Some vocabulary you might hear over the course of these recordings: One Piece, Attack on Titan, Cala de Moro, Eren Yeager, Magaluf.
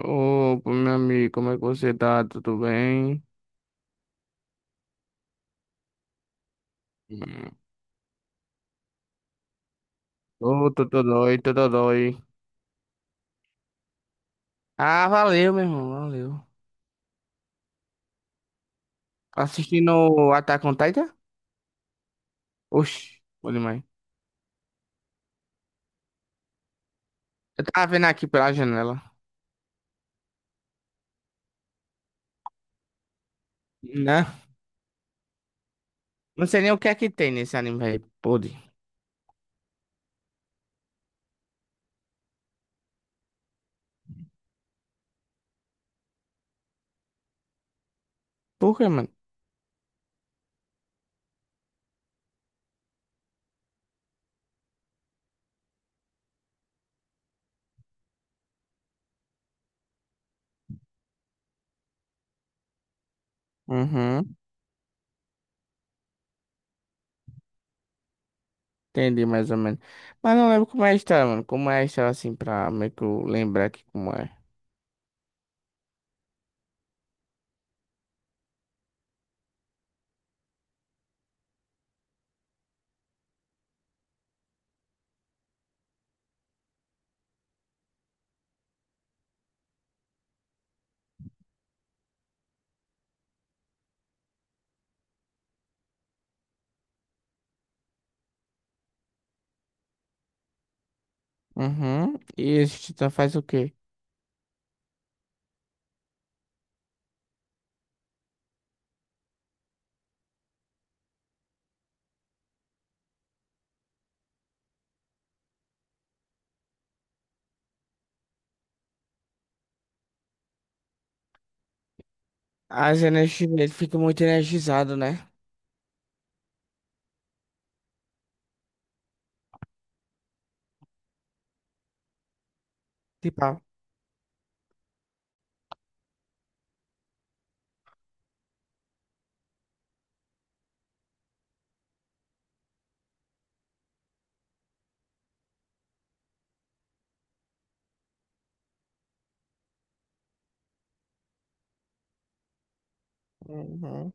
Opa, meu amigo, como é que você tá? Tudo bem? Hum. Ô, Totodói, Totodói. Ah, valeu, meu irmão, valeu. Tá assistindo o Attack on Titan? Oxi, bom demais. Eu tava vendo aqui pela janela. Né? Não sei nem o que é que tem nesse anime, velho. Podre. Por quê, mano? Uhum, entendi mais ou menos. Mas não lembro como é a história, mano. Como é a história, assim, pra meio que eu lembrar aqui como é. Uhum. E esse titã faz o quê? As energias, ele fica muito energizado, né? Tipo, uhum.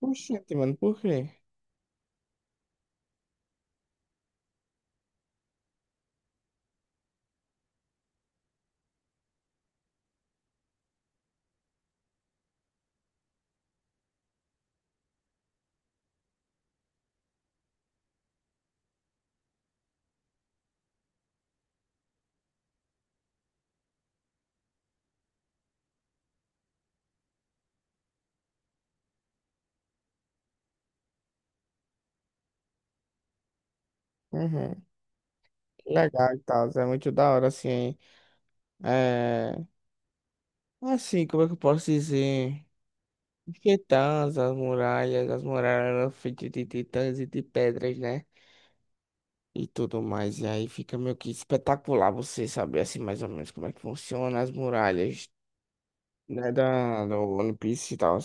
Oxente, mano, por quê? Uhum. Legal e tal, é muito da hora, assim. É... Assim, como é que eu posso dizer? Os Titãs, as muralhas eram feitas de titãs e de pedras, né? E tudo mais. E aí fica meio que espetacular você saber, assim, mais ou menos como é que funciona as muralhas, né? Da, do One Piece e tal.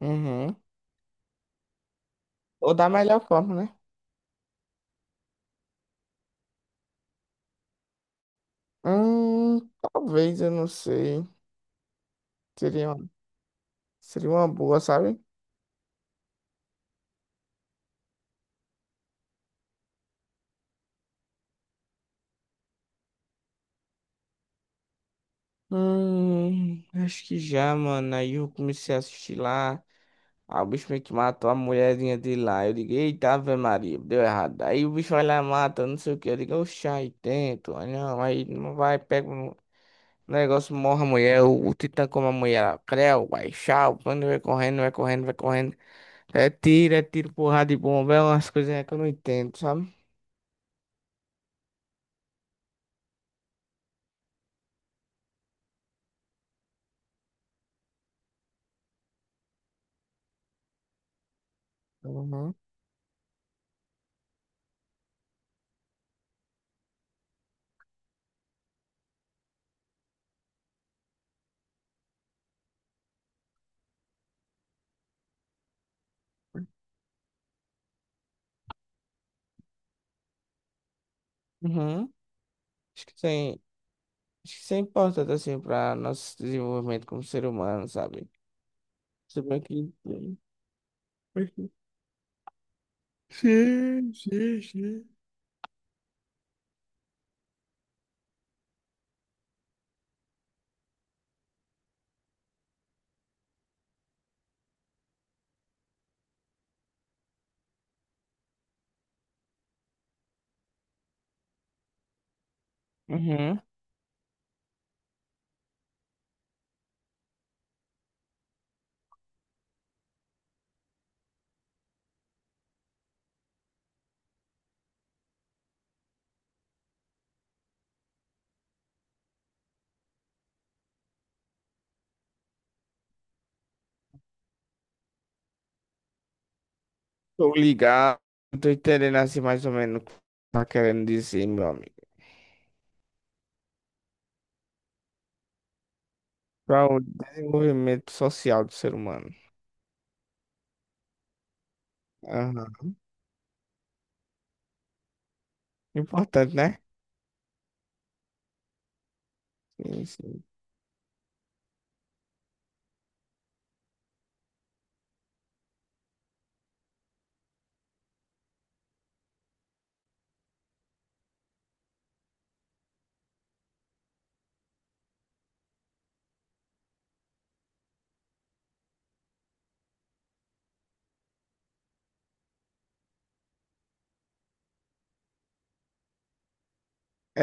Uhum. Ou da melhor forma, né? Hum, talvez, eu não sei. Seria, seria uma boa, sabe? Acho que já, mano. Aí eu comecei a assistir lá. Aí o bicho meio que matou a mulherzinha dele lá. Eu digo, eita, Ave Maria, deu errado. Aí o bicho vai lá, mata, não sei o que. Eu digo, oxa, aí tento. Aí não vai, pega um negócio, morre a mulher. O titã come a mulher lá. Creu, vai, tchau. Quando vai correndo, vai correndo, vai correndo. É tiro, porrada de bomba. É umas coisinhas que eu não entendo, sabe? Uhum. Uhum. Acho que tem, acho que isso é importante, assim, para nosso desenvolvimento como ser humano, sabe? Você vai aqui. Aqui. Sim, sim, sim. Uhum. Tô ligado. Tô entendendo assim mais ou menos o que tá querendo dizer, meu amigo. Para o desenvolvimento social do ser humano. Aham. Importante, né? Sim, sim.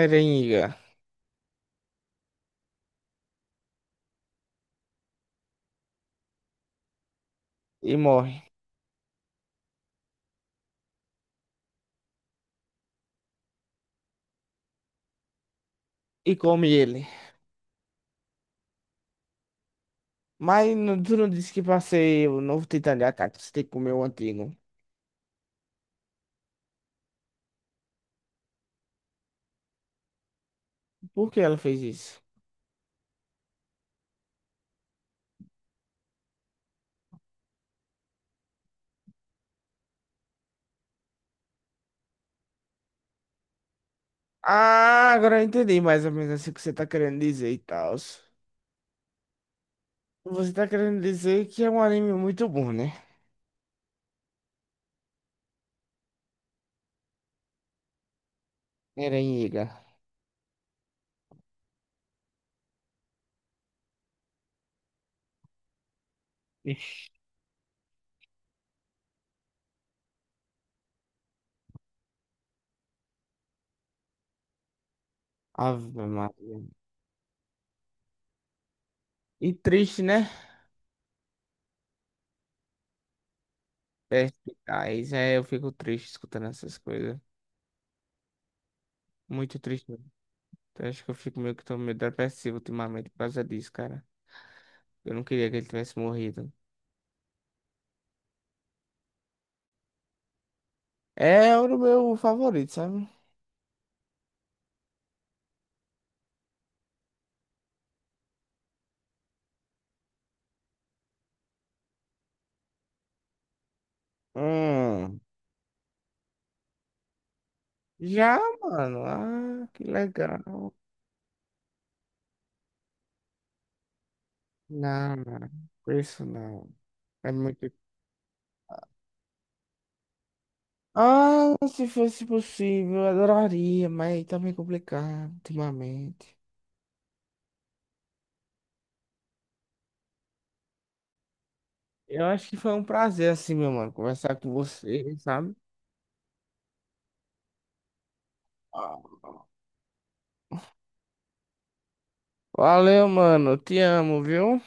Erenga. E morre. E come ele. Mas não, tu não disse que pra ser o novo Titã de Ataque, você tem que comer o antigo? Por que ela fez isso? Ah, agora eu entendi mais ou menos assim o que você tá querendo dizer e tal. Você tá querendo dizer que é um anime muito bom, né? Eren Yeager. Ixi, Ave Maria. E triste, né? Perspicaz. É, eu fico triste escutando essas coisas. Muito triste mesmo. Eu acho que eu fico meio que tô meio depressivo ultimamente por causa disso, cara. Eu não queria que ele tivesse morrido. É o meu favorito, sabe? Hum. Já, mano. Ah, que legal. Não, não. Isso não. É muito. Ah, se fosse possível, eu adoraria, mas tá meio complicado ultimamente. Eu acho que foi um prazer, assim, meu mano, conversar com você, sabe? Ah, valeu, mano. Te amo, viu?